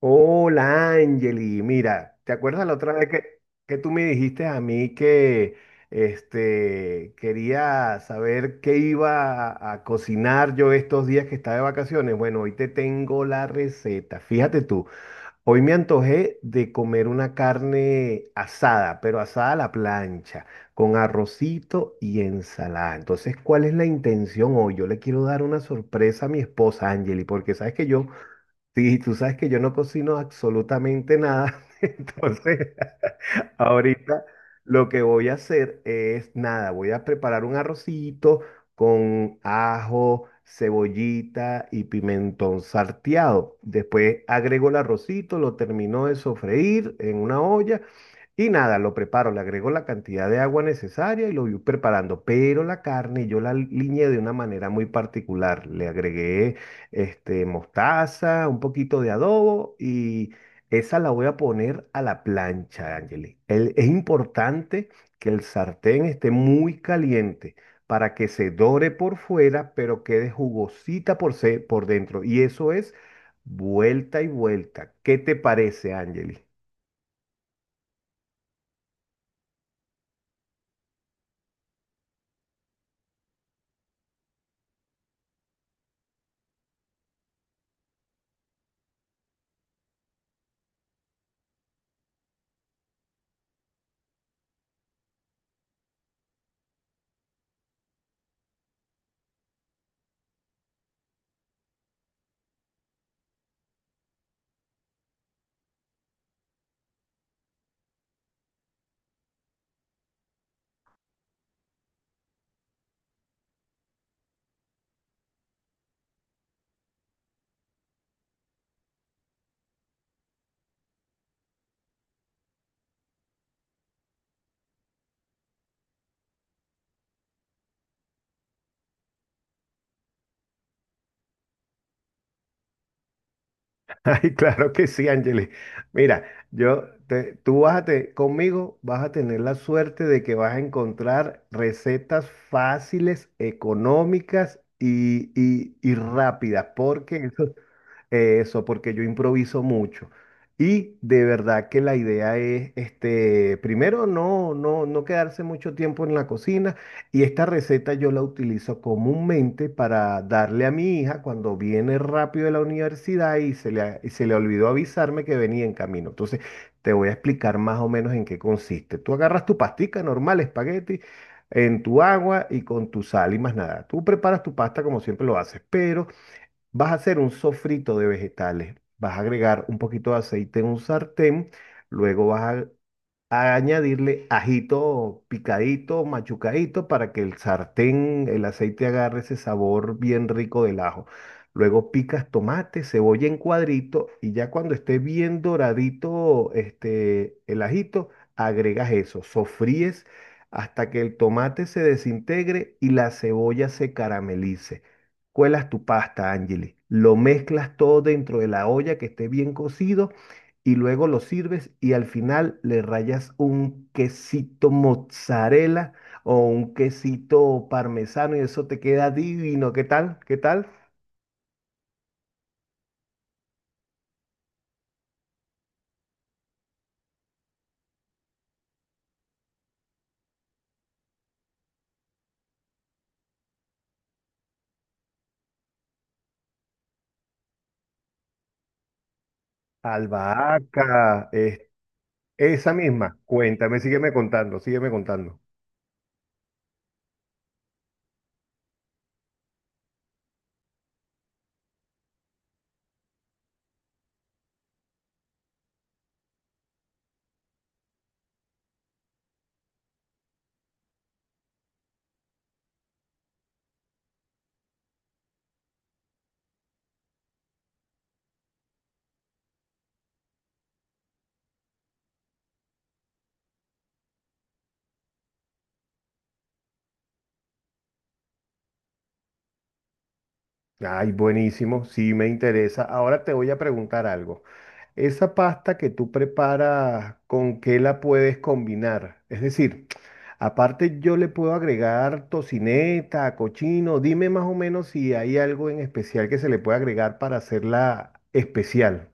Hola, Angeli. Mira, ¿te acuerdas la otra vez que tú me dijiste a mí que quería saber qué iba a cocinar yo estos días que estaba de vacaciones? Bueno, hoy te tengo la receta. Fíjate tú, hoy me antojé de comer una carne asada, pero asada a la plancha, con arrocito y ensalada. Entonces, ¿cuál es la intención hoy? Yo le quiero dar una sorpresa a mi esposa, Angeli, porque sabes que yo... Sí, tú sabes que yo no cocino absolutamente nada, entonces ahorita lo que voy a hacer es nada, voy a preparar un arrocito con ajo, cebollita y pimentón salteado. Después agrego el arrocito, lo termino de sofreír en una olla y nada, lo preparo, le agrego la cantidad de agua necesaria y lo voy preparando. Pero la carne yo la liñé de una manera muy particular. Le agregué mostaza, un poquito de adobo y esa la voy a poner a la plancha, Angeli. Es importante que el sartén esté muy caliente para que se dore por fuera, pero quede jugosita por dentro. Y eso es vuelta y vuelta. ¿Qué te parece, Angeli? Ay, claro que sí, Ángeles. Mira, yo te- tú vas a te- conmigo vas a tener la suerte de que vas a encontrar recetas fáciles, económicas y rápidas, porque eso, porque yo improviso mucho. Y de verdad que la idea es, este, primero, no quedarse mucho tiempo en la cocina. Y esta receta yo la utilizo comúnmente para darle a mi hija cuando viene rápido de la universidad y se le olvidó avisarme que venía en camino. Entonces, te voy a explicar más o menos en qué consiste. Tú agarras tu pastica normal, espagueti, en tu agua y con tu sal y más nada. Tú preparas tu pasta como siempre lo haces, pero... Vas a hacer un sofrito de vegetales. Vas a agregar un poquito de aceite en un sartén, luego vas a añadirle ajito picadito, machucadito, para que el sartén, el aceite agarre ese sabor bien rico del ajo. Luego picas tomate, cebolla en cuadrito y ya cuando esté bien doradito este, el ajito, agregas eso, sofríes hasta que el tomate se desintegre y la cebolla se caramelice. Cuelas tu pasta, Angeli. Lo mezclas todo dentro de la olla que esté bien cocido y luego lo sirves y al final le rayas un quesito mozzarella o un quesito parmesano y eso te queda divino. ¿Qué tal? ¿Qué tal? Albahaca, es- esa misma. Cuéntame, sígueme contando, sígueme contando. Ay, buenísimo, sí me interesa. Ahora te voy a preguntar algo. Esa pasta que tú preparas, ¿con qué la puedes combinar? Es decir, aparte yo le puedo agregar tocineta, cochino. Dime más o menos si hay algo en especial que se le puede agregar para hacerla especial.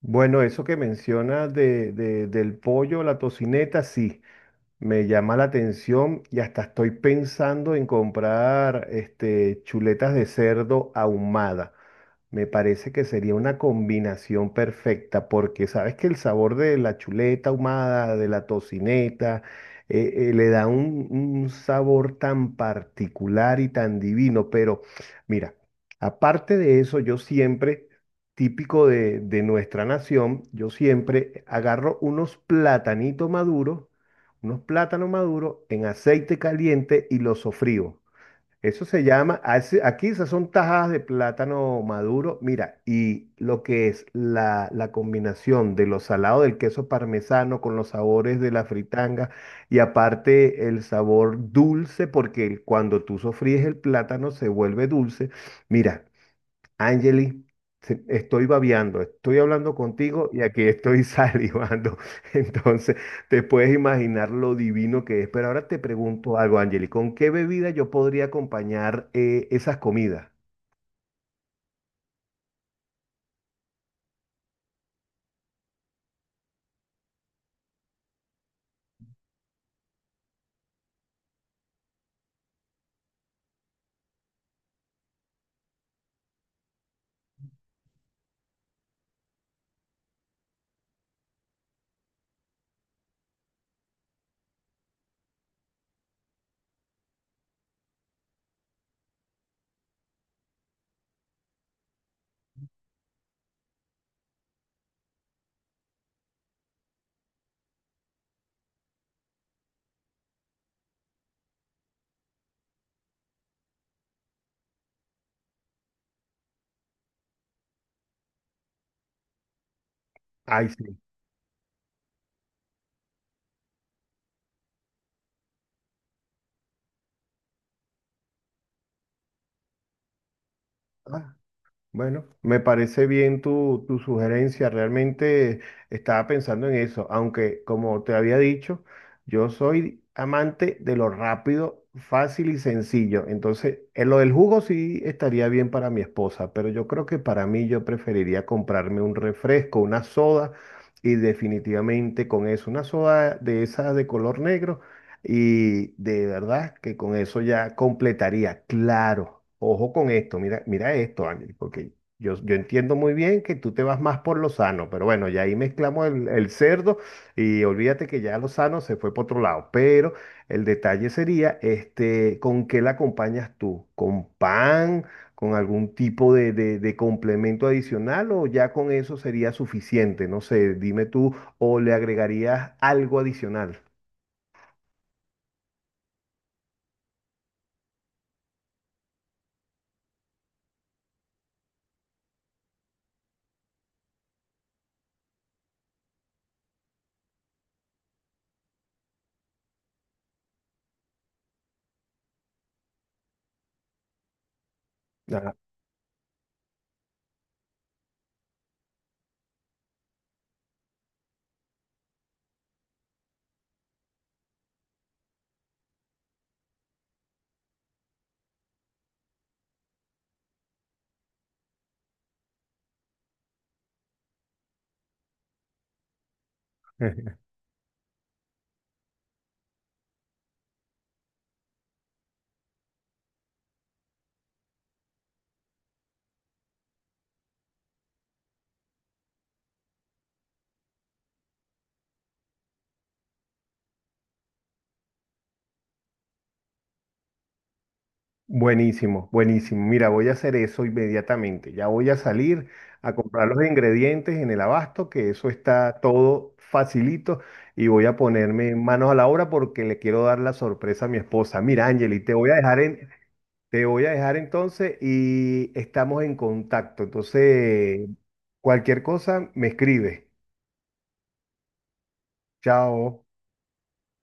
Bueno, eso que mencionas del pollo, la tocineta, sí, me llama la atención y hasta estoy pensando en comprar este, chuletas de cerdo ahumada. Me parece que sería una combinación perfecta, porque sabes que el sabor de la chuleta ahumada, de la tocineta, le da un sabor tan particular y tan divino. Pero mira, aparte de eso, yo siempre, típico de nuestra nación, yo siempre agarro unos platanitos maduros, unos plátanos maduros en aceite caliente y los sofrío. Eso se llama, así- aquí esas son tajadas de plátano maduro. Mira, y lo que es la combinación de lo salado del queso parmesano con los sabores de la fritanga y aparte el sabor dulce, porque el- cuando tú sofríes el plátano se vuelve dulce. Mira, Angeli, se- estoy babeando, estoy hablando contigo y aquí estoy salivando. Entonces, te puedes imaginar lo divino que es. Pero ahora te pregunto algo, Angeli, ¿con qué bebida yo podría acompañar esas comidas? Ay, sí. Bueno, me parece bien tu sugerencia. Realmente estaba pensando en eso, aunque como te había dicho, yo soy amante de lo rápido, fácil y sencillo. Entonces, en lo del jugo sí estaría bien para mi esposa, pero yo creo que para mí yo preferiría comprarme un refresco, una soda, y definitivamente con eso, una soda de esas de color negro. Y de verdad que con eso ya completaría. Claro, ojo con esto, mira, mira esto, Ángel, porque yo entiendo muy bien que tú te vas más por lo sano, pero bueno, ya ahí mezclamos el cerdo y olvídate que ya lo sano se fue por otro lado. Pero el detalle sería, este, ¿con qué la acompañas tú? ¿Con pan? ¿Con algún tipo de, de complemento adicional o ya con eso sería suficiente? No sé, dime tú, o le agregarías algo adicional. Ajá. Buenísimo, buenísimo. Mira, voy a hacer eso inmediatamente. Ya voy a salir a comprar los ingredientes en el abasto, que eso está todo facilito, y voy a ponerme manos a la obra porque le quiero dar la sorpresa a mi esposa. Mira, Angeli, te voy a dejar en, te voy a dejar entonces y estamos en contacto. Entonces, cualquier cosa, me escribe. Chao.